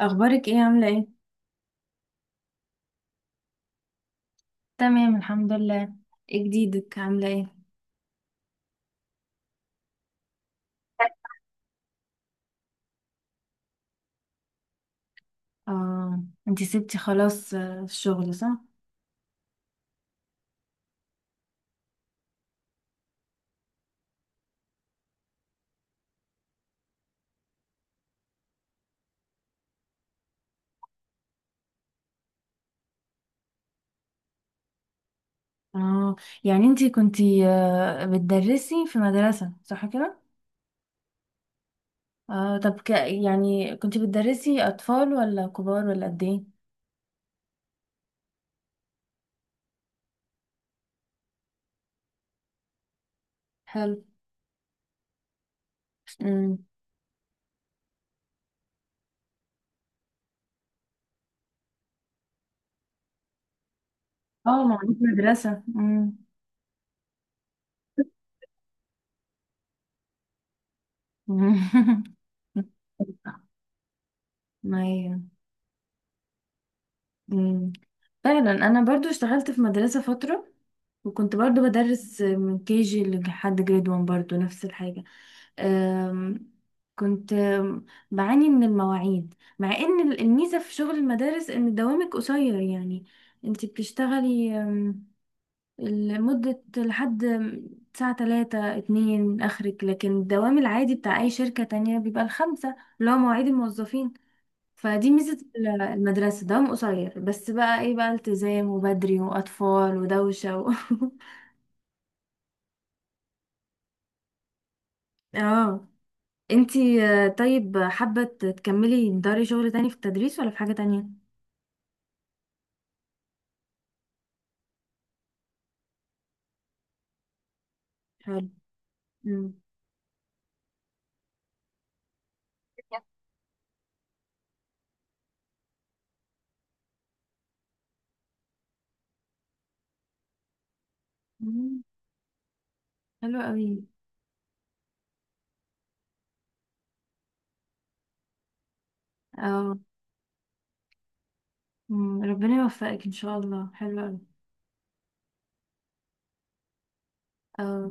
اخبارك ايه؟ عامله ايه؟ تمام، الحمد لله. ايه جديدك؟ عامله ايه؟ اه. انتي سبتي خلاص، الشغل، صح؟ اه. يعني انتي كنتي بتدرسي في مدرسه، صح كده؟ اه، طب، يعني كنتي بتدرسي اطفال ولا كبار، ولا قد ايه؟ حلو. امم. اه، ما عنديش مدرسة. امم. ايوه. مم. فعلا انا برضو اشتغلت في مدرسة فترة، وكنت برضو بدرس من كي جي لحد جريد 1، برضو نفس الحاجة. أم، كنت بعاني من المواعيد، مع ان الميزة في شغل المدارس ان دوامك قصير، يعني انت بتشتغلي، لمدة، لحد ساعة تلاتة اتنين اخرك، لكن الدوام العادي بتاع اي شركة تانية بيبقى الخمسة، اللي هو مواعيد الموظفين. فدي ميزة المدرسة، دوام قصير، بس بقى ايه بقى التزام وبدري وأطفال ودوشة اه. انتي، طيب، حابة تكملي تداري شغل تاني في التدريس ولا في حاجة تانية؟ حلو. مم. مم. حلو قوي. اه. مم. ربنا يوفقك ان شاء الله، حلو قوي. اه.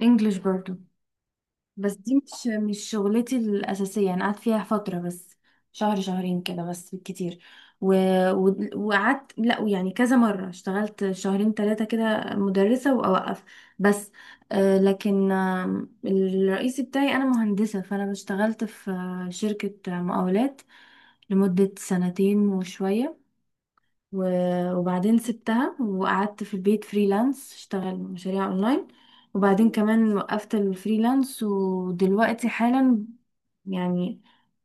انجلش برضو. بس دي مش شغلتي الأساسية، أنا قعدت فيها فترة بس. شهر شهرين كده، بس بالكتير. و... وقعدت، لا يعني كذا مرة اشتغلت شهرين ثلاثة كده مدرسة وأوقف. بس. لكن، الرئيسي بتاعي أنا مهندسة، فأنا اشتغلت في شركة مقاولات لمدة سنتين وشوية. وبعدين سبتها وقعدت في البيت فريلانس، اشتغل مشاريع اونلاين. وبعدين كمان وقفت الفريلانس، ودلوقتي حالا، يعني،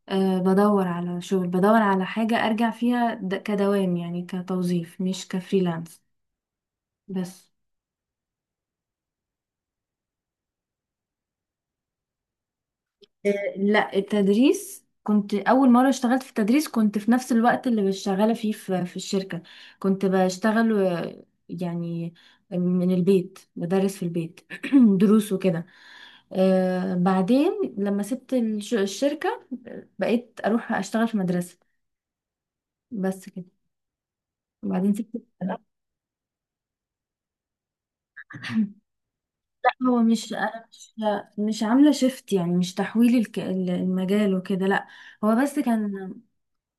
أه، بدور على شغل، بدور على حاجة ارجع فيها كدوام، يعني كتوظيف مش كفريلانس. بس. آه، لا، التدريس كنت اول مره اشتغلت في التدريس، كنت في نفس الوقت اللي شغاله فيه في الشركه. كنت بشتغل، يعني من البيت، بدرس في البيت. دروس وكده. بعدين لما سبت الشركه، بقيت اروح اشتغل في مدرسه. بس كده. وبعدين سبت. لا، هو مش انا، مش عامله شيفت، يعني مش تحويل المجال وكده، لا. هو بس كان،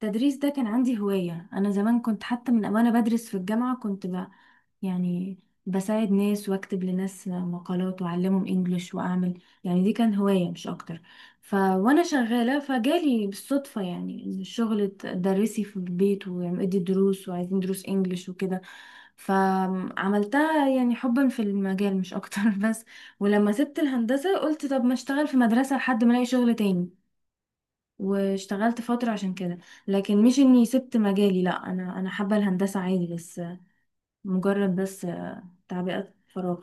التدريس ده كان عندي هواية. أنا زمان كنت حتى من وأنا بدرس في الجامعة كنت يعني بساعد ناس، وأكتب لناس مقالات، وأعلمهم إنجليش وأعمل، يعني دي كان هواية مش أكتر. ف، وأنا شغالة فجالي بالصدفة، يعني إن الشغل تدرسي في البيت وادي دروس، وعايزين دروس إنجليش وكده. فعملتها، يعني حبا في المجال مش أكتر. بس، ولما سبت الهندسة قلت، طب ما أشتغل في مدرسة لحد ما ألاقي شغل تاني. واشتغلت فترة عشان كده. لكن مش اني سبت مجالي، لا، انا حابة الهندسة عادي، بس، مجرد، بس تعبئة فراغ.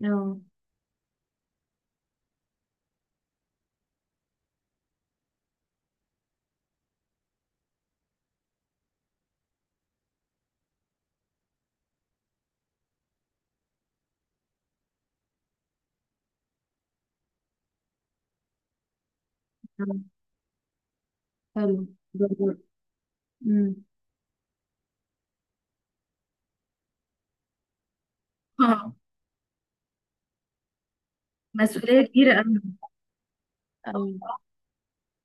اه. حلو. جميل. مم. آه، مسؤولية كبيرة أوي. أوي.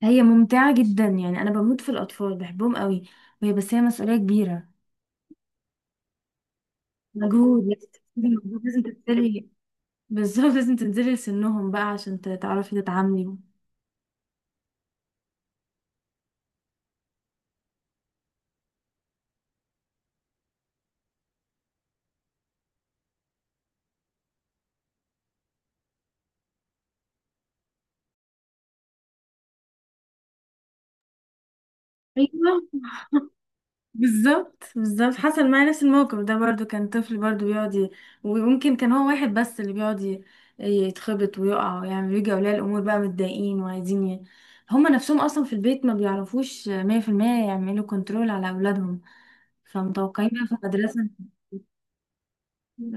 هي ممتعة جدا، يعني أنا بموت في الأطفال، بحبهم قوي. وهي بس هي مسؤولية كبيرة. مجهود، لازم تبذلي مجهود، لازم تبذلي. بالظبط، لازم تنزلي لسنهم بقى عشان تعرفي تتعاملي. أيوة، بالظبط، بالظبط حصل معايا نفس الموقف ده، برضو كان طفل، برضو بيقعد ويمكن كان هو واحد بس اللي بيقعد يتخبط ويقع ويعمل، يجي اولياء الامور بقى متضايقين وعايزين هما نفسهم اصلا في البيت ما بيعرفوش 100% يعملوا كنترول على اولادهم، فمتوقعين بقى في المدرسة.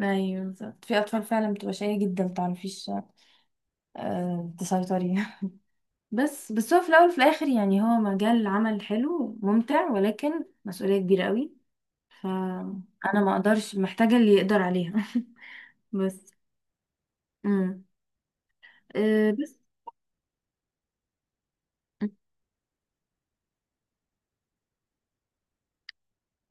ايوه، بالظبط، في اطفال فعلا بتبقى شقية جدا، متعرفيش تسيطري. بس هو في الاول وفي الاخر، يعني هو مجال عمل حلو ممتع، ولكن مسؤولية كبيرة قوي. فانا ما اقدرش، محتاجة اللي يقدر عليها. بس. امم. أه، بس،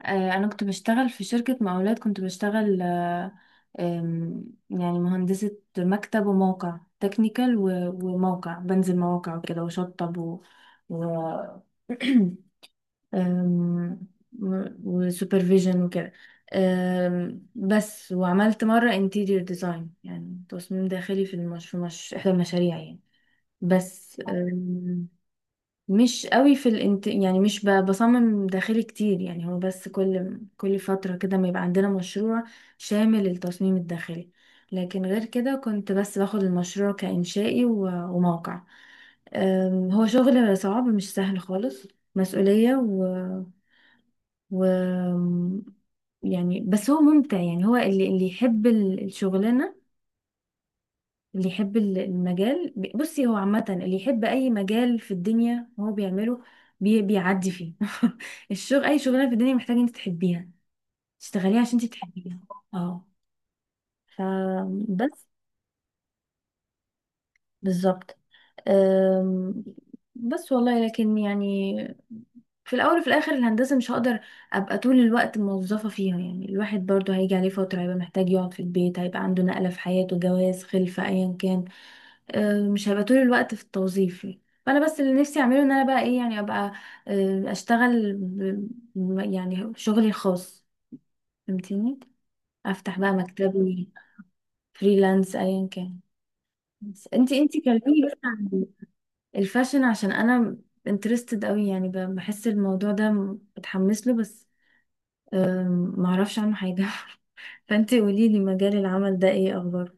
انا كنت بشتغل في شركة مقاولات، كنت بشتغل، آم، يعني مهندسة مكتب وموقع تكنيكال، وموقع بنزل مواقع وكده، وشطب و و آم، وسوبرفيجن وكده. بس وعملت مرة انتيريور ديزاين، يعني تصميم داخلي، في في مش... احدى المشاريع، يعني. بس مش قوي في يعني مش بصمم داخلي كتير، يعني هو بس كل فترة كده ما يبقى عندنا مشروع شامل للتصميم الداخلي. لكن غير كده كنت بس باخد المشروع كإنشائي وموقع. هو شغل صعب، مش سهل خالص، مسؤولية و... يعني بس هو ممتع، يعني هو اللي يحب الشغلانة، اللي يحب المجال، بصي، هو عامة اللي يحب أي مجال في الدنيا هو بيعمله، بيعدي فيه. الشغل، أي شغلانة في الدنيا محتاجة أنت تحبيها، تشتغليها عشان أنت تحبيها. اه. فبس. بالظبط. أم، بس والله، لكن يعني في الأول وفي الآخر، الهندسة مش هقدر أبقى طول الوقت موظفة فيها، يعني الواحد برضو هيجي عليه فترة هيبقى محتاج يقعد في البيت، هيبقى عنده نقلة في حياته، جواز، خلفة، أيا كان. مش هبقى طول الوقت في التوظيف. فانا بس اللي نفسي اعمله، ان انا بقى ايه، يعني ابقى، اشتغل يعني شغلي الخاص. فهمتيني؟ افتح بقى مكتبي، فريلانس ايا كان. بس انتي كلميني بس عن الفاشن، عشان انا انترستد قوي، يعني بحس الموضوع ده بتحمس له، بس معرفش عنه حاجة. فانتي قوليلي، مجال العمل ده ايه اخباره؟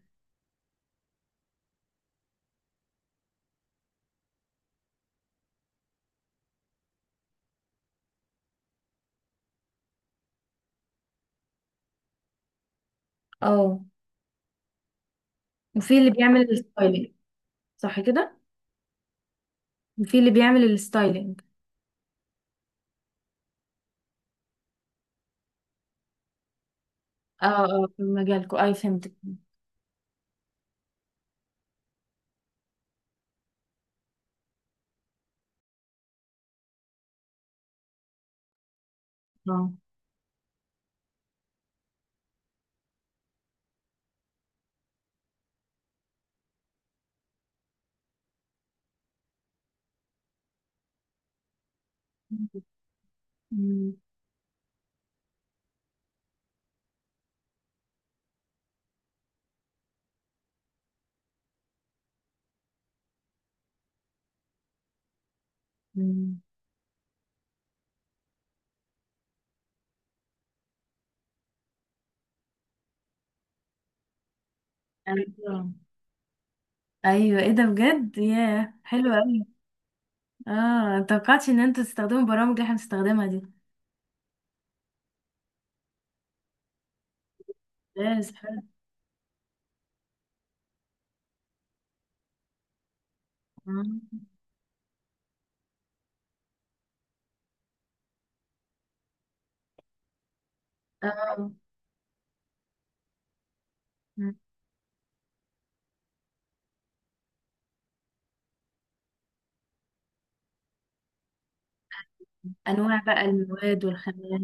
اه. وفي اللي بيعمل الستايلينج. صح كده. وفي اللي بيعمل الستايلينج. اه، اه، في مجالكم، اي، فهمتك. اه. أمم، أمم. ايوه، ايوه، ايه ده بجد، ياه، حلو قوي. اه، متوقعتش ان انتوا تستخدموا برامج اللي احنا بنستخدمها دي. بس حلو. اه. آه. أمم. انواع بقى المواد والخامات.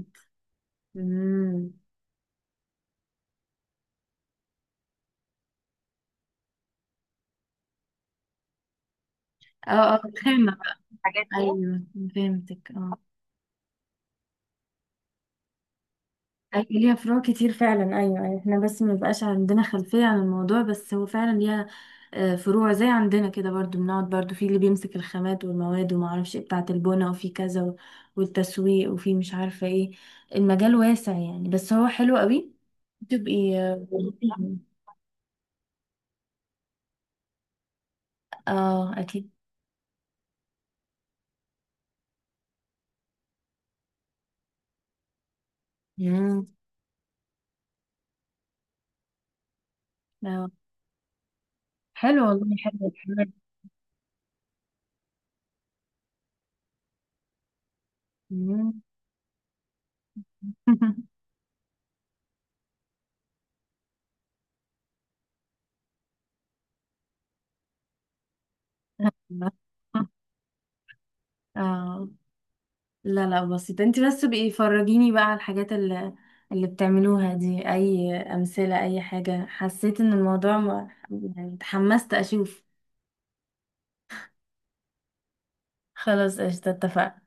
أمم. اه، اه، الخامة بقى، الحاجات دي، ايوه. فهمتك. اه. أيوة، ليها فروع كتير فعلا، أيوة، أيوة، احنا بس ما بيبقاش عندنا خلفية عن الموضوع، بس هو فعلا ليها فروع زي عندنا كده، برضو بنقعد برضو في اللي بيمسك الخامات والمواد، وما اعرفش ايه بتاعة البنا، وفي كذا والتسويق، وفي مش عارفة ايه، المجال واسع، يعني بس هو حلو قوي. تبقي اه. اكيد. مم. آه. حلو والله، حلو حلو. مم. اه. لا، لا، بسيطة، انت بس بقي فرجيني بقى على الحاجات اللي بتعملوها دي، اي امثلة، اي حاجة حسيت ان الموضوع يعني اتحمست اشوف. خلاص، قشطة، اتفقنا.